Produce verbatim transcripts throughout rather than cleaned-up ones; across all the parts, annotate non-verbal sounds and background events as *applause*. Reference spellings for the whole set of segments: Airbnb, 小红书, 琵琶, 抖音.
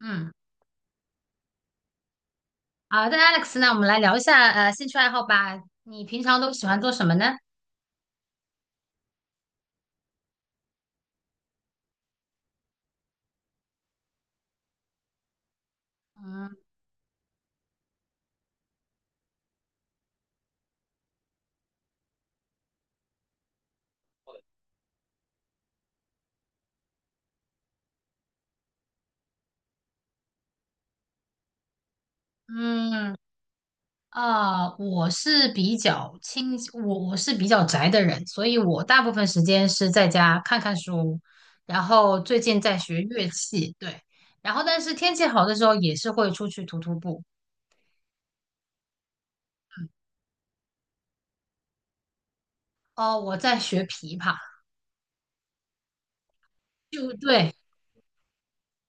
嗯，好的，Alex，那我们来聊一下呃兴趣爱好吧。你平常都喜欢做什么呢？嗯嗯，啊、我是比较清，我我是比较宅的人，所以我大部分时间是在家看看书，然后最近在学乐器，对，然后但是天气好的时候也是会出去徒徒步。哦，我在学琵琶，就对，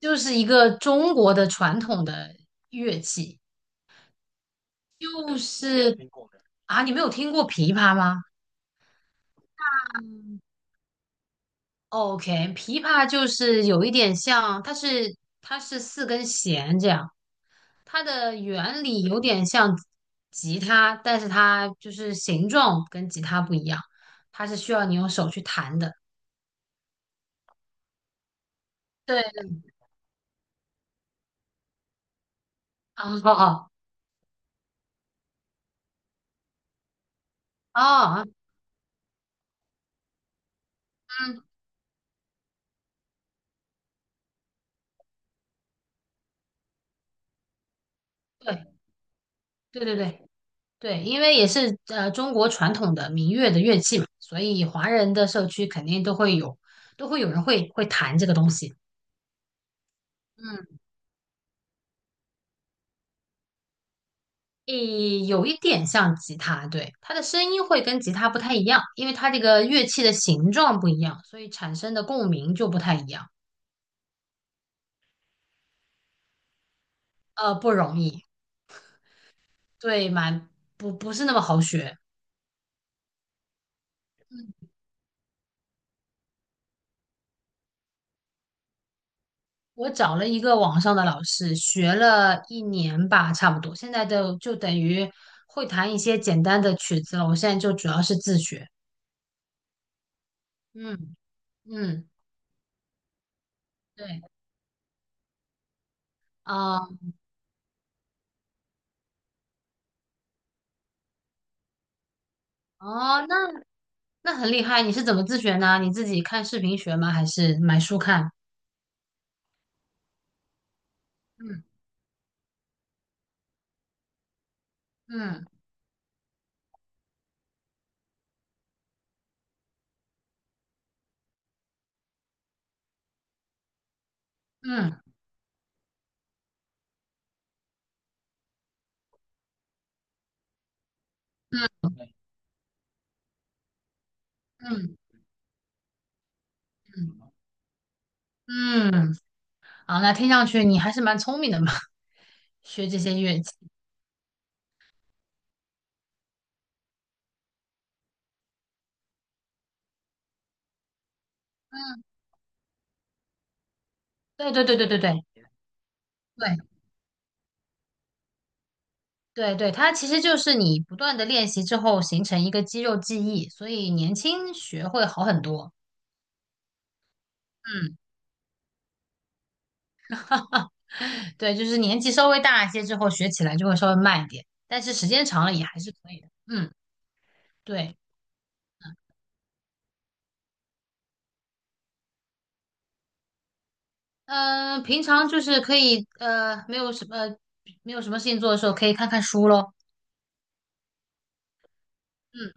就是一个中国的传统的乐器，就是啊，你没有听过琵琶吗？嗯，OK，琵琶就是有一点像，它是它是四根弦这样，它的原理有点像吉他，但是它就是形状跟吉他不一样，它是需要你用手去弹的。对，啊哦哦哦，嗯，对对对对对，因为也是呃中国传统的民乐的乐器嘛，所以华人的社区肯定都会有，都会有人会会弹这个东西。嗯。诶，有一点像吉他，对，它的声音会跟吉他不太一样，因为它这个乐器的形状不一样，所以产生的共鸣就不太一样。呃，不容易，对，蛮不不是那么好学。我找了一个网上的老师，学了一年吧，差不多，现在就就等于会弹一些简单的曲子了。我现在就主要是自学。嗯嗯，对，啊、哦，那那很厉害，你是怎么自学呢？你自己看视频学吗？还是买书看？嗯。嗯嗯嗯嗯嗯，好，那听上去你还是蛮聪明的嘛，*laughs* 学这些乐器。嗯，对对对对对对对对对，它其实就是你不断的练习之后形成一个肌肉记忆，所以年轻学会好很多。嗯，*laughs* 对，就是年纪稍微大一些之后学起来就会稍微慢一点，但是时间长了也还是可以的。嗯，对，呃，平常就是可以呃没有什么呃没有什么事情做的时候，可以看看书咯。嗯。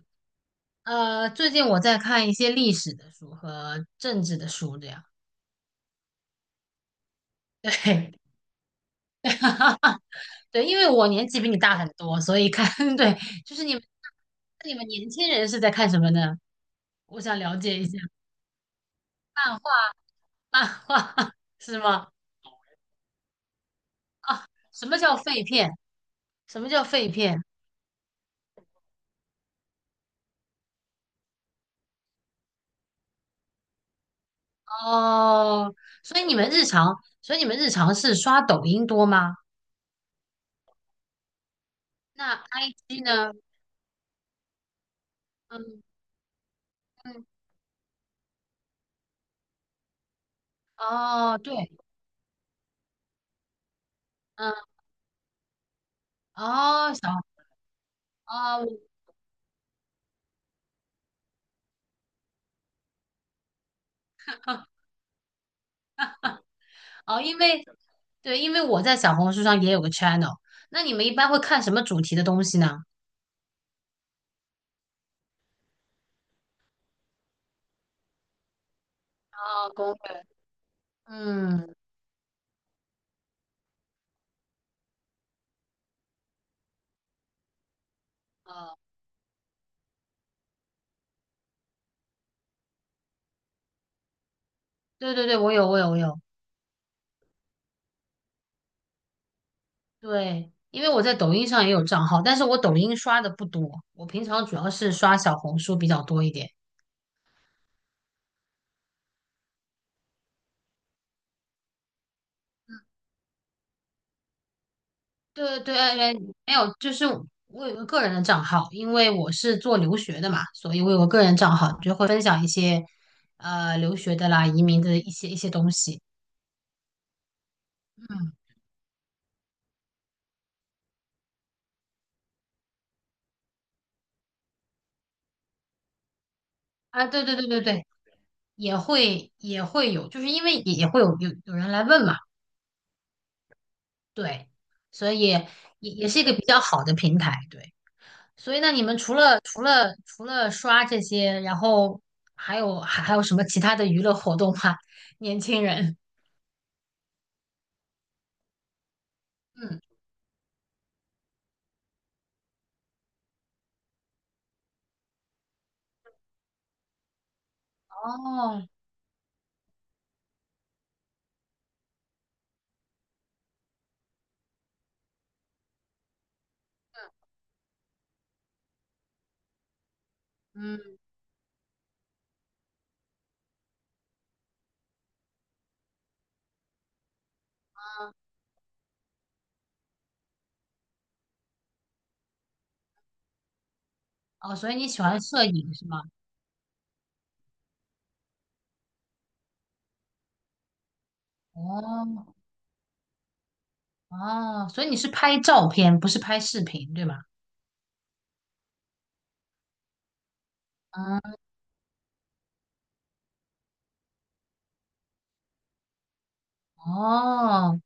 呃，最近我在看一些历史的书和政治的书，这样。对，*laughs* 对，因为我年纪比你大很多，所以看，*laughs* 对，就是你们你们年轻人是在看什么呢？我想了解一下，漫画，漫画 *laughs* 是吗？啊，什么叫废片？什么叫废片？哦，所以你们日常，所以你们日常是刷抖音多吗？那 I G 呢？嗯嗯，哦，对，嗯，哦，小，哦，*laughs* 哦，因为对，因为我在小红书上也有个 channel，那你们一般会看什么主题的东西呢？啊，攻略，嗯，啊，对对对，我有我有我有，对，因为我在抖音上也有账号，但是我抖音刷的不多，我平常主要是刷小红书比较多一点。对对，哎哎没有，就是我有个个人的账号，因为我是做留学的嘛，所以我有个个人账号，就会分享一些呃留学的啦、移民的一些一些东西。嗯，啊，对对对对对，也会也会有，就是因为也也会有有有人来问嘛，对，所以也也是一个比较好的平台，对。所以那你们除了除了除了刷这些，然后还有还还有什么其他的娱乐活动吗？*laughs* 年轻人，嗯，哦，嗯，哦，所以你喜欢摄影是吗？哦哦，所以你是拍照片，不是拍视频，对吗？嗯，哦，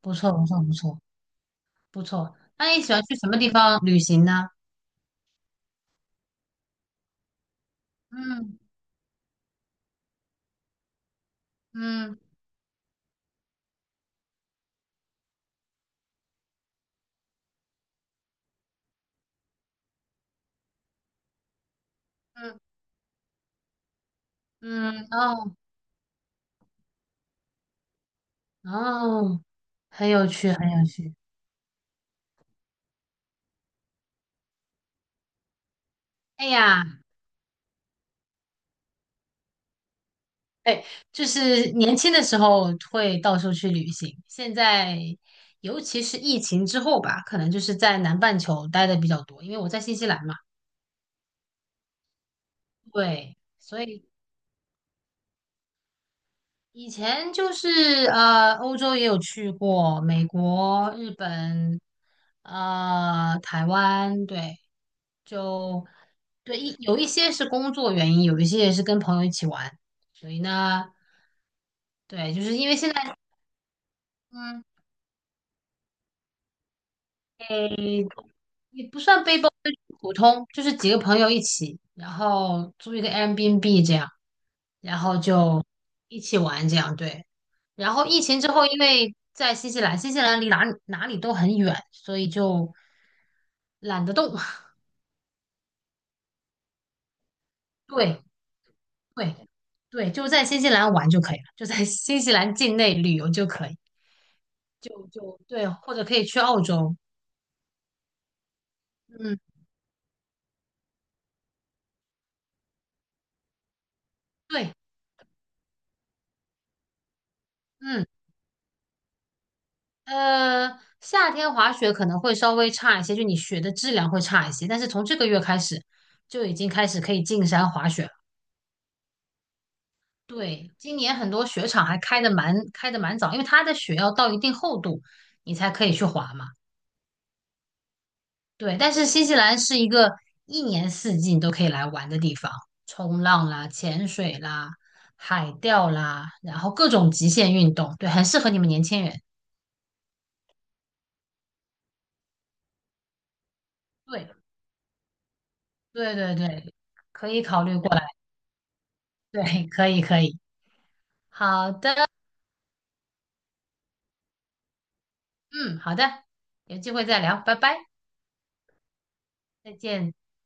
不错不错不错不错。那你喜欢去什么地方旅行呢？嗯嗯嗯嗯，哦哦，很有趣，很有趣。哎呀，哎，就是年轻的时候会到处去旅行，现在尤其是疫情之后吧，可能就是在南半球待的比较多，因为我在新西兰嘛。对，所以以前就是呃，欧洲也有去过，美国、日本，呃，台湾，对，就对，一有一些是工作原因，有一些也是跟朋友一起玩，所以呢，对，就是因为现在，嗯，诶，也不算背包，就是普通，就是几个朋友一起，然后租一个 Airbnb 这样，然后就一起玩这样，对。然后疫情之后，因为在新西兰，新西兰离哪里哪里都很远，所以就懒得动。*laughs* 对对对，就在新西兰玩就可以了，就在新西兰境内旅游就可以。就就对，或者可以去澳洲。嗯，对，嗯，呃，夏天滑雪可能会稍微差一些，就你雪的质量会差一些，但是从这个月开始就已经开始可以进山滑雪了。对，今年很多雪场还开的蛮开的蛮早，因为它的雪要到一定厚度，你才可以去滑嘛。对，但是新西兰是一个一年四季你都可以来玩的地方，冲浪啦、潜水啦、海钓啦，然后各种极限运动，对，很适合你们年轻人。对。对对对，可以考虑过来。对，可以可以。好的，嗯，好的，有机会再聊，拜拜，再见。